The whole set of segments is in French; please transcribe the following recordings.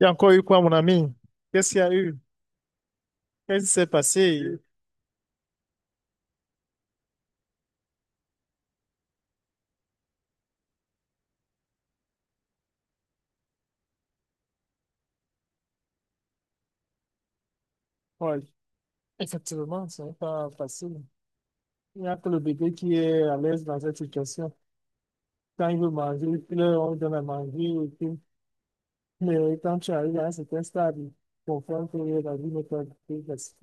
Il y a encore eu quoi, mon ami? Qu'est-ce qu'il y a eu? Qu'est-ce qui s'est passé? Ouais, effectivement, ce n'est pas facile. Il n'y a que le bébé qui est à l'aise dans cette situation. Quand il veut manger, il pleure, on lui donne à manger, et puis... Mais quand tu arrives à un certain stade, il comprend que la vie n'est pas plus facile.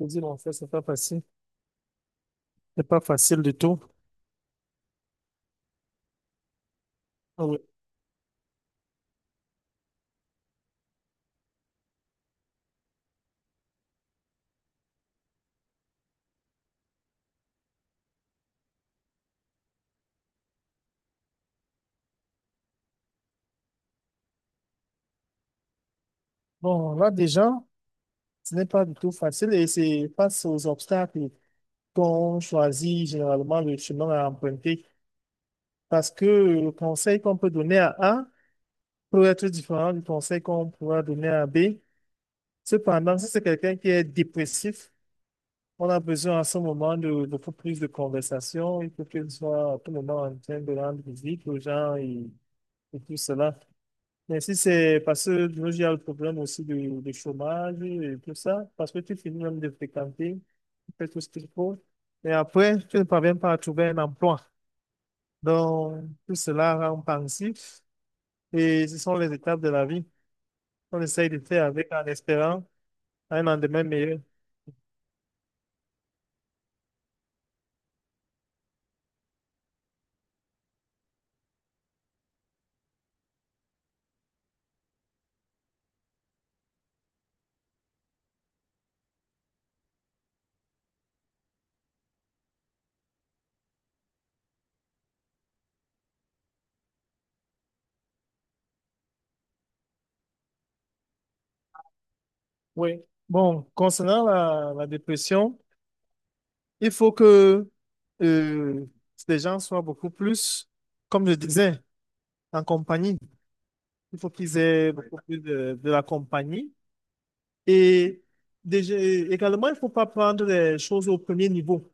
Je dis, non, ça, c'est pas facile. C'est pas facile du tout. Ah ouais. Bon, là, déjà, ce n'est pas du tout facile, et c'est face aux obstacles qu'on choisit généralement le chemin à emprunter. Parce que le conseil qu'on peut donner à A peut être différent du conseil qu'on pourra donner à B. Cependant, si c'est quelqu'un qui est dépressif, on a besoin à ce moment de beaucoup plus de conversation. Il faut qu'il soit à tout moment en train de rendre visite aux gens, et tout cela. Mais si c'est parce que de nos jours, il y a le problème aussi du chômage et tout ça, parce que tu finis même de fréquenter, tu fais tout ce qu'il faut, et après, tu ne parviens pas à trouver un emploi. Donc, tout cela rend pensif. Et ce sont les étapes de la vie. On essaye de faire avec en espérant un lendemain meilleur. Oui. Bon, concernant la dépression, il faut que euh, les gens soient beaucoup plus, comme je disais, en compagnie. Il faut qu'ils aient beaucoup plus de la compagnie. Et déjà, également, il ne faut pas prendre les choses au premier niveau.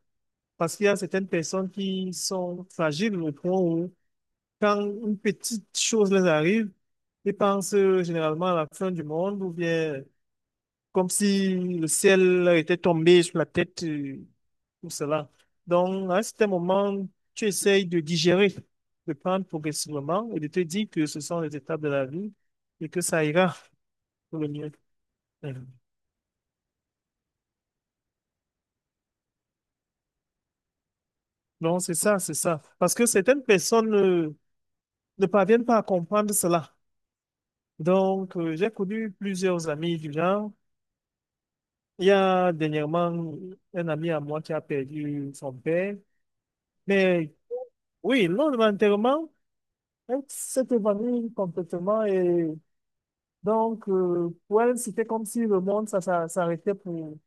Parce qu'il y a certaines personnes qui sont fragiles au point où quand une petite chose les arrive, ils pensent généralement à la fin du monde, ou bien comme si le ciel était tombé sur la tête, tout cela. Donc, à un certain moment, tu essayes de digérer, de prendre progressivement et de te dire que ce sont les étapes de la vie et que ça ira pour le mieux. Mhm. Donc, c'est ça, c'est ça. Parce que certaines personnes ne parviennent pas à comprendre cela. Donc, j'ai connu plusieurs amis du genre. Il y a dernièrement un ami à moi qui a perdu son père, mais oui, lors de l'enterrement, elle s'est évanouie complètement, et donc pour elle, c'était comme si le monde s'arrêtait pour...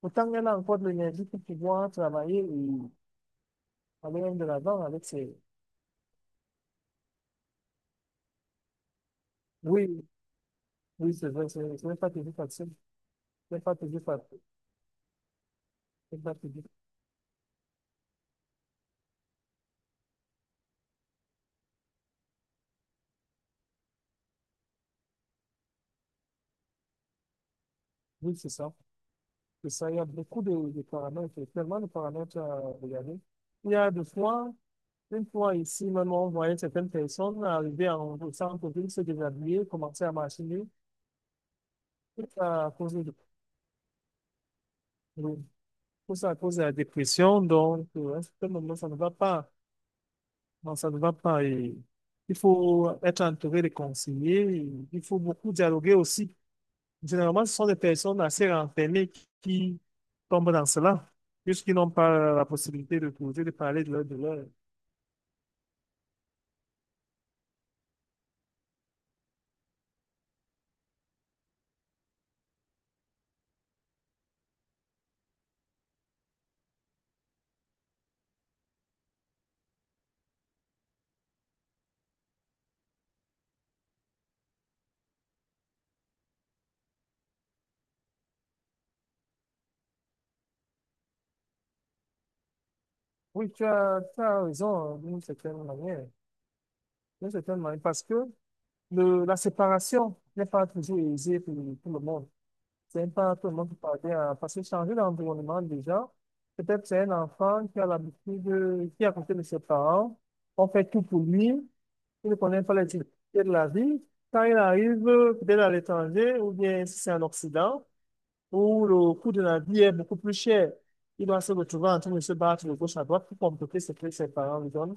Pourtant, elle a encore de l'énergie pour pouvoir travailler et aller même de l'avant avec ses... Oui, oui, c'est vrai, c'est pas toujours facile. C'est pas toujours facile. C'est pas toujours- Oui, c'est ça. C'est ça, il y a beaucoup de paramètres, tellement de paramètres à regarder. Il y a des fois... Une fois ici, même on voyait certaines personnes arriver en, au centre-ville, se déshabiller, commencer à marcher, tout ça à cause de- tout ça à cause de la dépression. Donc, à un certain moment, ça ne va pas. Non, ça ne va pas. Et il faut être entouré de conseillers, et il faut beaucoup dialoguer aussi. Généralement, ce sont des personnes assez renfermées qui tombent dans cela, puisqu'ils n'ont pas la possibilité de poser, de parler de leur douleur. Oui, tu as raison, hein, d'une certaine manière. D'une certaine manière, parce que le, la séparation n'est pas toujours aisée pour le monde. C'est pas tout le monde qui parvient à... Parce que changer l'environnement déjà, peut-être c'est un enfant qui a l'habitude, de- qui est à côté de ses parents, on fait tout pour lui, il ne connaît pas les difficultés de la vie. Quand il arrive peut-être à l'étranger, ou bien si c'est en Occident, où le coût de la vie est beaucoup plus cher, il doit se retrouver en train de se battre de gauche à droite pour compléter ce que ses parents lui donnent.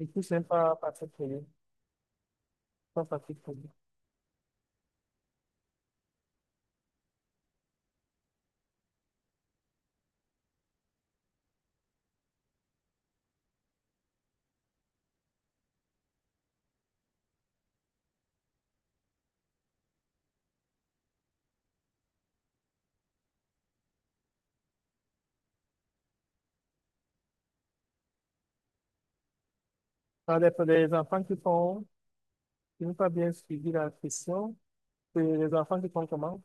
Et tout, c'est pas, pas très, très, pas pratique pour lui. Alors, les enfants qui font... Je n'ai pas bien suivi la question. Et les enfants qui font comment?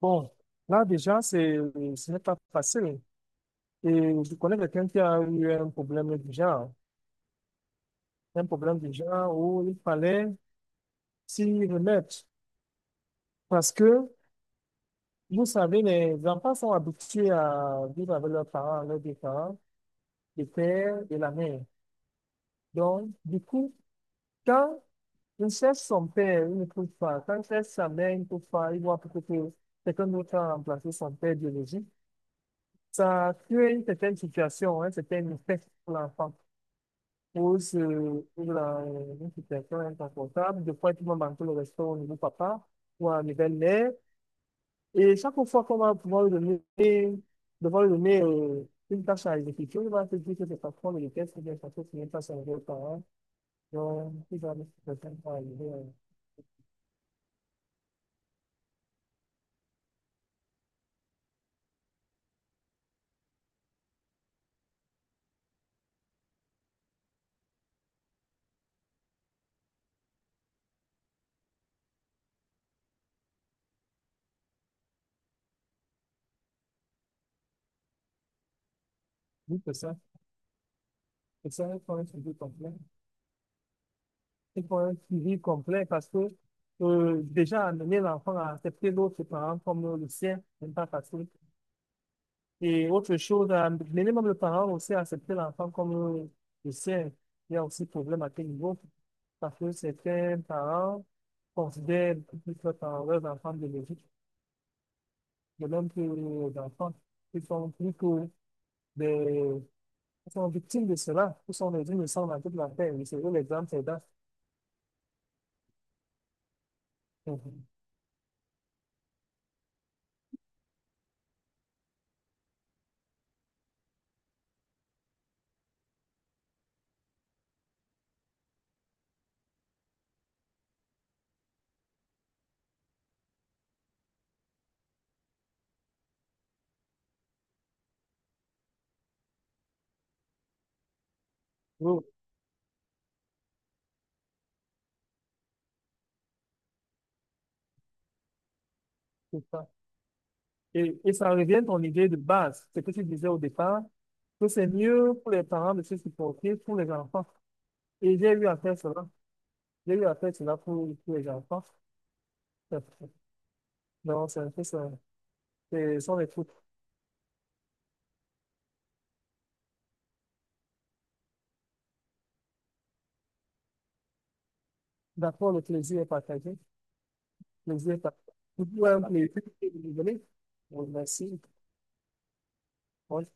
Bon, là déjà, c'est, ce n'est pas facile. Et je connais quelqu'un qui a eu un problème du genre. Un problème du genre où il fallait s'y remettre. Parce que, vous savez, les enfants sont habitués à vivre avec leurs parents, leurs deux parents, le père et la mère. Donc, du coup, quand il cherche son père, il ne trouve pas. Quand il cherche sa mère, il ne trouve pas. Il voit peut-être que quelqu'un d'autre a remplacé son père biologique. Ça crée une certaine situation, hein, c'était une effet pour l'enfant. Pose pour la- une situation inconfortable. Des fois, tout le monde manque le respect au niveau papa ou à la belle-mère. Et chaque fois qu'on va pouvoir lui donner, devoir lui donner une tâche à exécuter, il va se dire que c'est parce qu'on le déteste, ou bien parce que c'est une tâche à enlever aux parents. Donc, il va mettre quelqu'un pour arriver à bout de ça. Et ça, il faut un sujet complet. C'est pour un suivi complet, parce que déjà amener l'enfant à accepter l'autre parent comme le sien, ce n'est pas facile. Et autre chose, amener même le parent aussi à accepter l'enfant comme le sien, il y a aussi problème à quel niveau. Parce que certains parents considèrent beaucoup plus leurs parents- leurs enfants biologiques, de même que les enfants qui sont plus que des, qui sont victimes de cela, qui sont des innocents dans toute la terre. Et c'est eux l'exemple, c'est là. Mhm. Oui, c'est ça. Et ça revient à ton idée de base, ce que tu disais au départ, que c'est mieux pour les parents de se supporter pour les enfants. Et j'ai eu à faire cela. J'ai eu à faire cela pour les enfants. Non, c'est un peu ça. Ce sont les trucs. D'accord, le plaisir est partagé. Le plaisir est partagé. Vous pouvez un plaisir que vous voulez. Bon, merci. Bon,